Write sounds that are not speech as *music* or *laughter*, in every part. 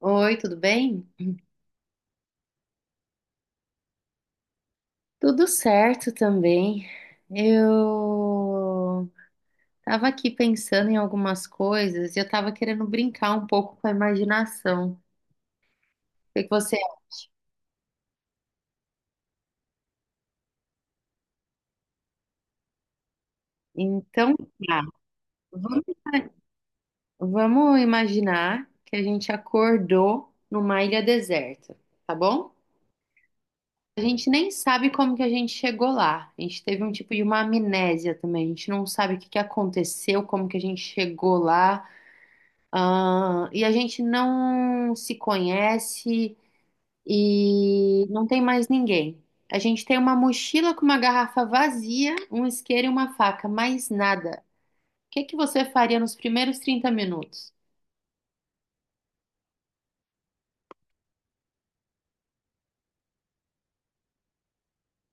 Oi, tudo bem? Tudo certo também. Eu tava aqui pensando em algumas coisas e eu tava querendo brincar um pouco com a imaginação. O que que você acha? Então, tá. Vamos vamos imaginar que a gente acordou numa ilha deserta, tá bom? A gente nem sabe como que a gente chegou lá. A gente teve um tipo de uma amnésia também. A gente não sabe o que que aconteceu, como que a gente chegou lá. Ah, e a gente não se conhece e não tem mais ninguém. A gente tem uma mochila com uma garrafa vazia, um isqueiro e uma faca, mais nada. O que que você faria nos primeiros 30 minutos?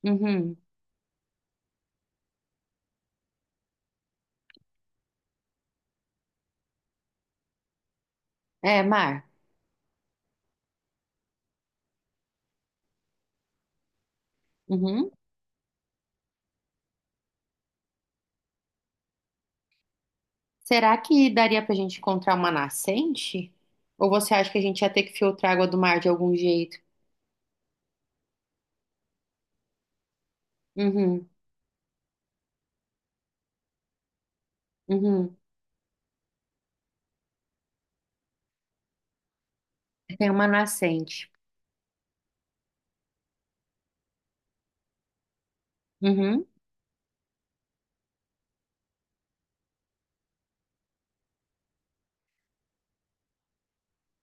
Uhum. É, mar. Uhum. Será que daria pra gente encontrar uma nascente? Ou você acha que a gente ia ter que filtrar água do mar de algum jeito? Uhum. Uhum. Tem uma nascente. Uhum.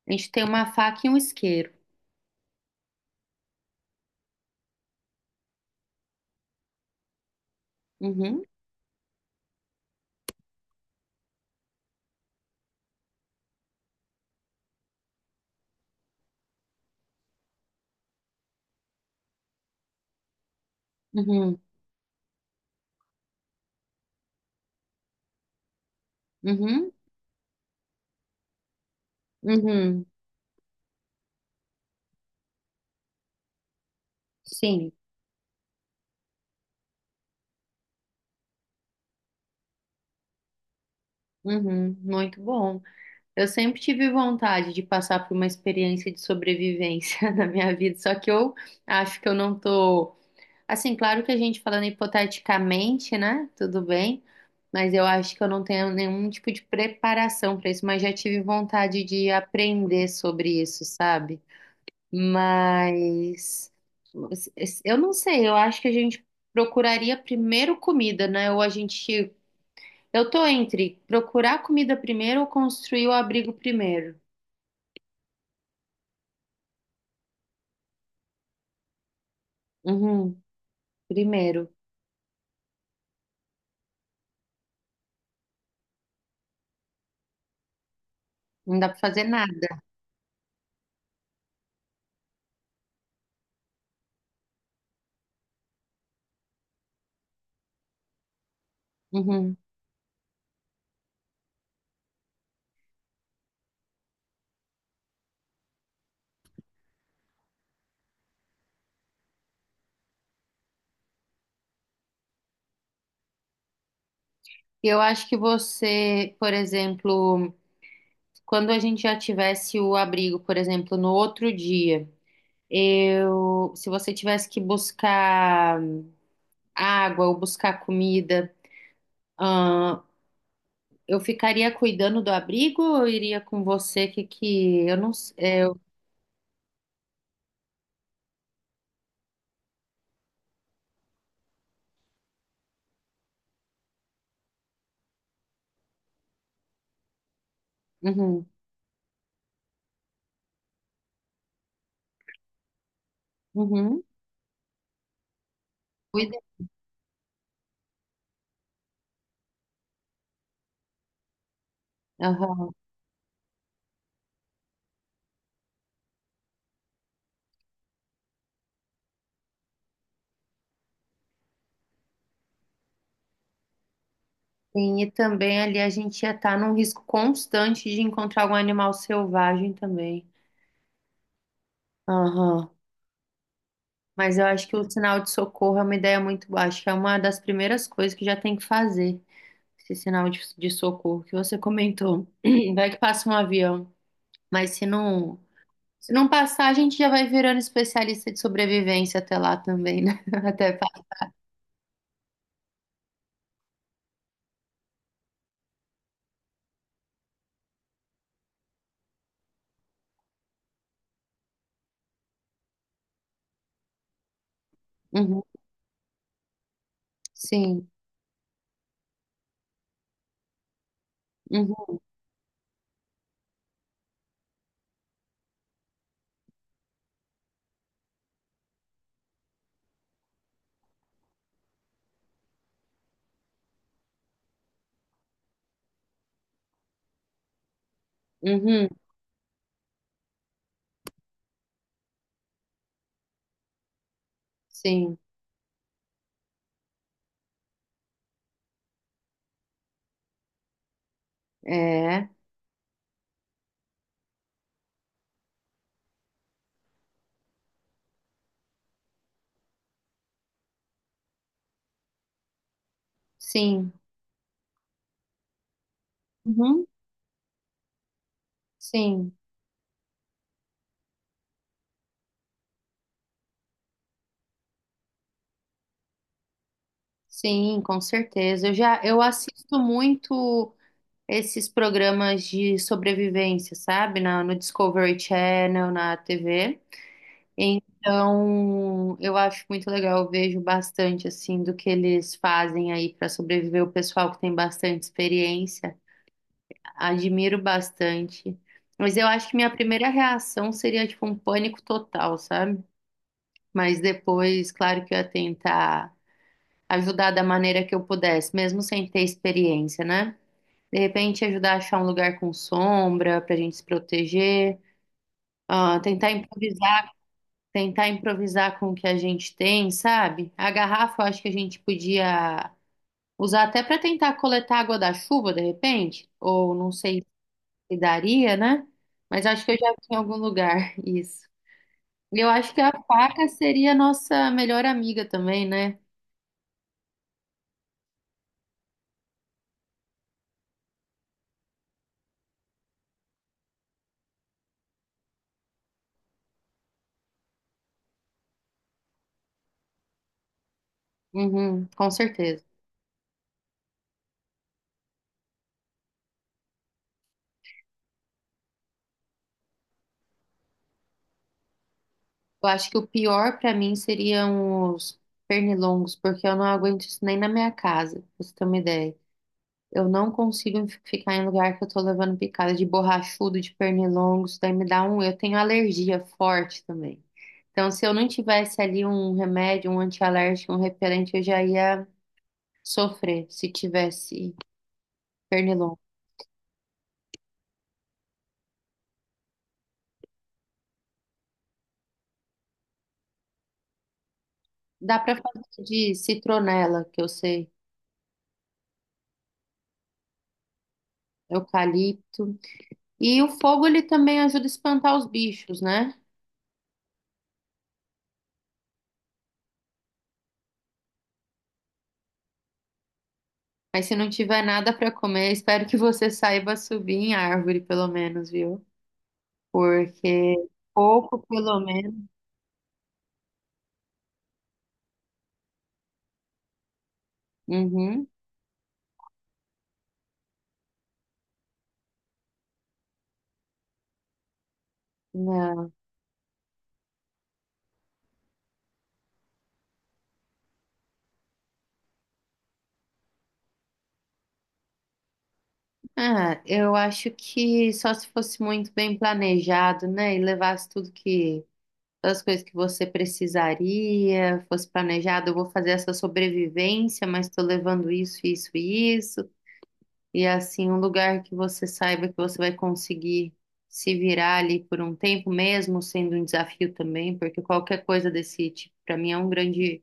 A gente tem uma faca e um isqueiro. Uhum. Uhum. Uhum, uhum, sim, uhum, muito bom. Eu sempre tive vontade de passar por uma experiência de sobrevivência *laughs* na minha vida, só que eu acho que eu não tô. Assim, claro que a gente falando hipoteticamente, né? Tudo bem, mas eu acho que eu não tenho nenhum tipo de preparação para isso, mas já tive vontade de aprender sobre isso, sabe? Mas eu não sei, eu acho que a gente procuraria primeiro comida, né? Ou a gente, eu tô entre procurar comida primeiro ou construir o abrigo primeiro. Uhum, primeiro. Não dá pra fazer nada. Uhum. Eu acho que você, por exemplo, quando a gente já tivesse o abrigo, por exemplo, no outro dia, eu, se você tivesse que buscar água ou buscar comida, ahn, eu ficaria cuidando do abrigo ou eu iria com você, que eu não sei. É. Uhum, uhum. Cuida. Aham. Sim, e também ali a gente ia estar num risco constante de encontrar algum animal selvagem também. Aham. Mas eu acho que o sinal de socorro é uma ideia muito boa. Acho que é uma das primeiras coisas que já tem que fazer. Esse sinal de socorro que você *laughs* comentou. *clears throat* Vai que passa um avião. Mas se não passar, a gente já vai virando especialista de sobrevivência até lá também, né? *laughs* Até pa- Uhum. Sim. Uhum. Uhum. Sim. É. Sim. Uhum. Sim. Sim, com certeza. Eu assisto muito esses programas de sobrevivência, sabe? No Discovery Channel, na TV. Então, eu acho muito legal, eu vejo bastante assim do que eles fazem aí para sobreviver. O pessoal que tem bastante experiência, admiro bastante. Mas eu acho que minha primeira reação seria tipo um pânico total, sabe? Mas depois, claro que eu ia tentar ajudar da maneira que eu pudesse, mesmo sem ter experiência, né? De repente, ajudar a achar um lugar com sombra para a gente se proteger, ah, tentar improvisar, com o que a gente tem, sabe? A garrafa, eu acho que a gente podia usar até para tentar coletar água da chuva, de repente, ou não sei se daria, né? Mas acho que eu já vi em algum lugar *laughs* isso. E eu acho que a faca seria a nossa melhor amiga também, né? Uhum, com certeza. Eu acho que o pior pra mim seriam os pernilongos, porque eu não aguento isso nem na minha casa, pra você ter uma ideia. Eu não consigo ficar em lugar que eu tô levando picada de borrachudo, de pernilongo, isso daí me dá um. Eu tenho alergia forte também. Então, se eu não tivesse ali um remédio, um antialérgico, um repelente, eu já ia sofrer se tivesse pernilongo. Dá pra fazer de citronela, que eu sei, eucalipto. E o fogo ele também ajuda a espantar os bichos, né? Mas se não tiver nada para comer, espero que você saiba subir em árvore, pelo menos, viu? Porque pouco, pelo menos. Uhum. Não. Ah, eu acho que só se fosse muito bem planejado, né? E levasse tudo que, todas as coisas que você precisaria, fosse planejado, eu vou fazer essa sobrevivência, mas estou levando isso, isso e isso. E assim, um lugar que você saiba que você vai conseguir se virar ali por um tempo, mesmo sendo um desafio também, porque qualquer coisa desse tipo, para mim, é um grande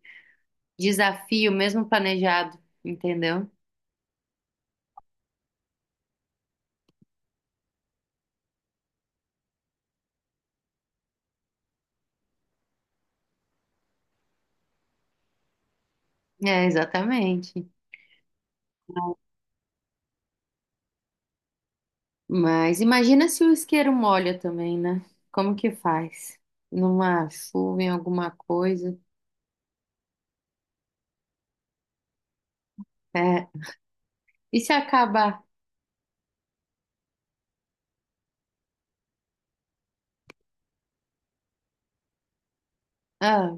desafio, mesmo planejado, entendeu? É, exatamente. Mas imagina se o isqueiro molha também, né? Como que faz? Numa chuva, em alguma coisa. É. E se acabar? Ah,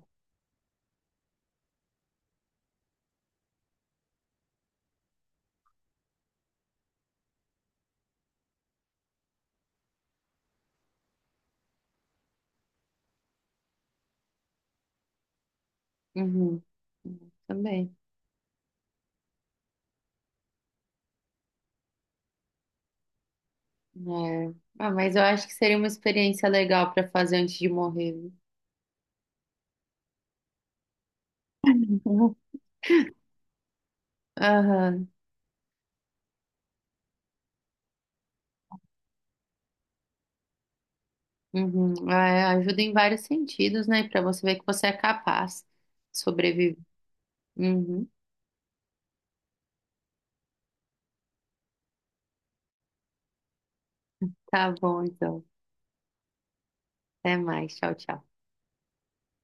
uhum. Também. É. Ah, mas eu acho que seria uma experiência legal para fazer antes de morrer, viu? Uhum. Aham. Uhum. Ah, é, ajuda em vários sentidos, né? Para você ver que você é capaz de sobreviver. Uhum. Tá bom, então. Até mais. Tchau, tchau.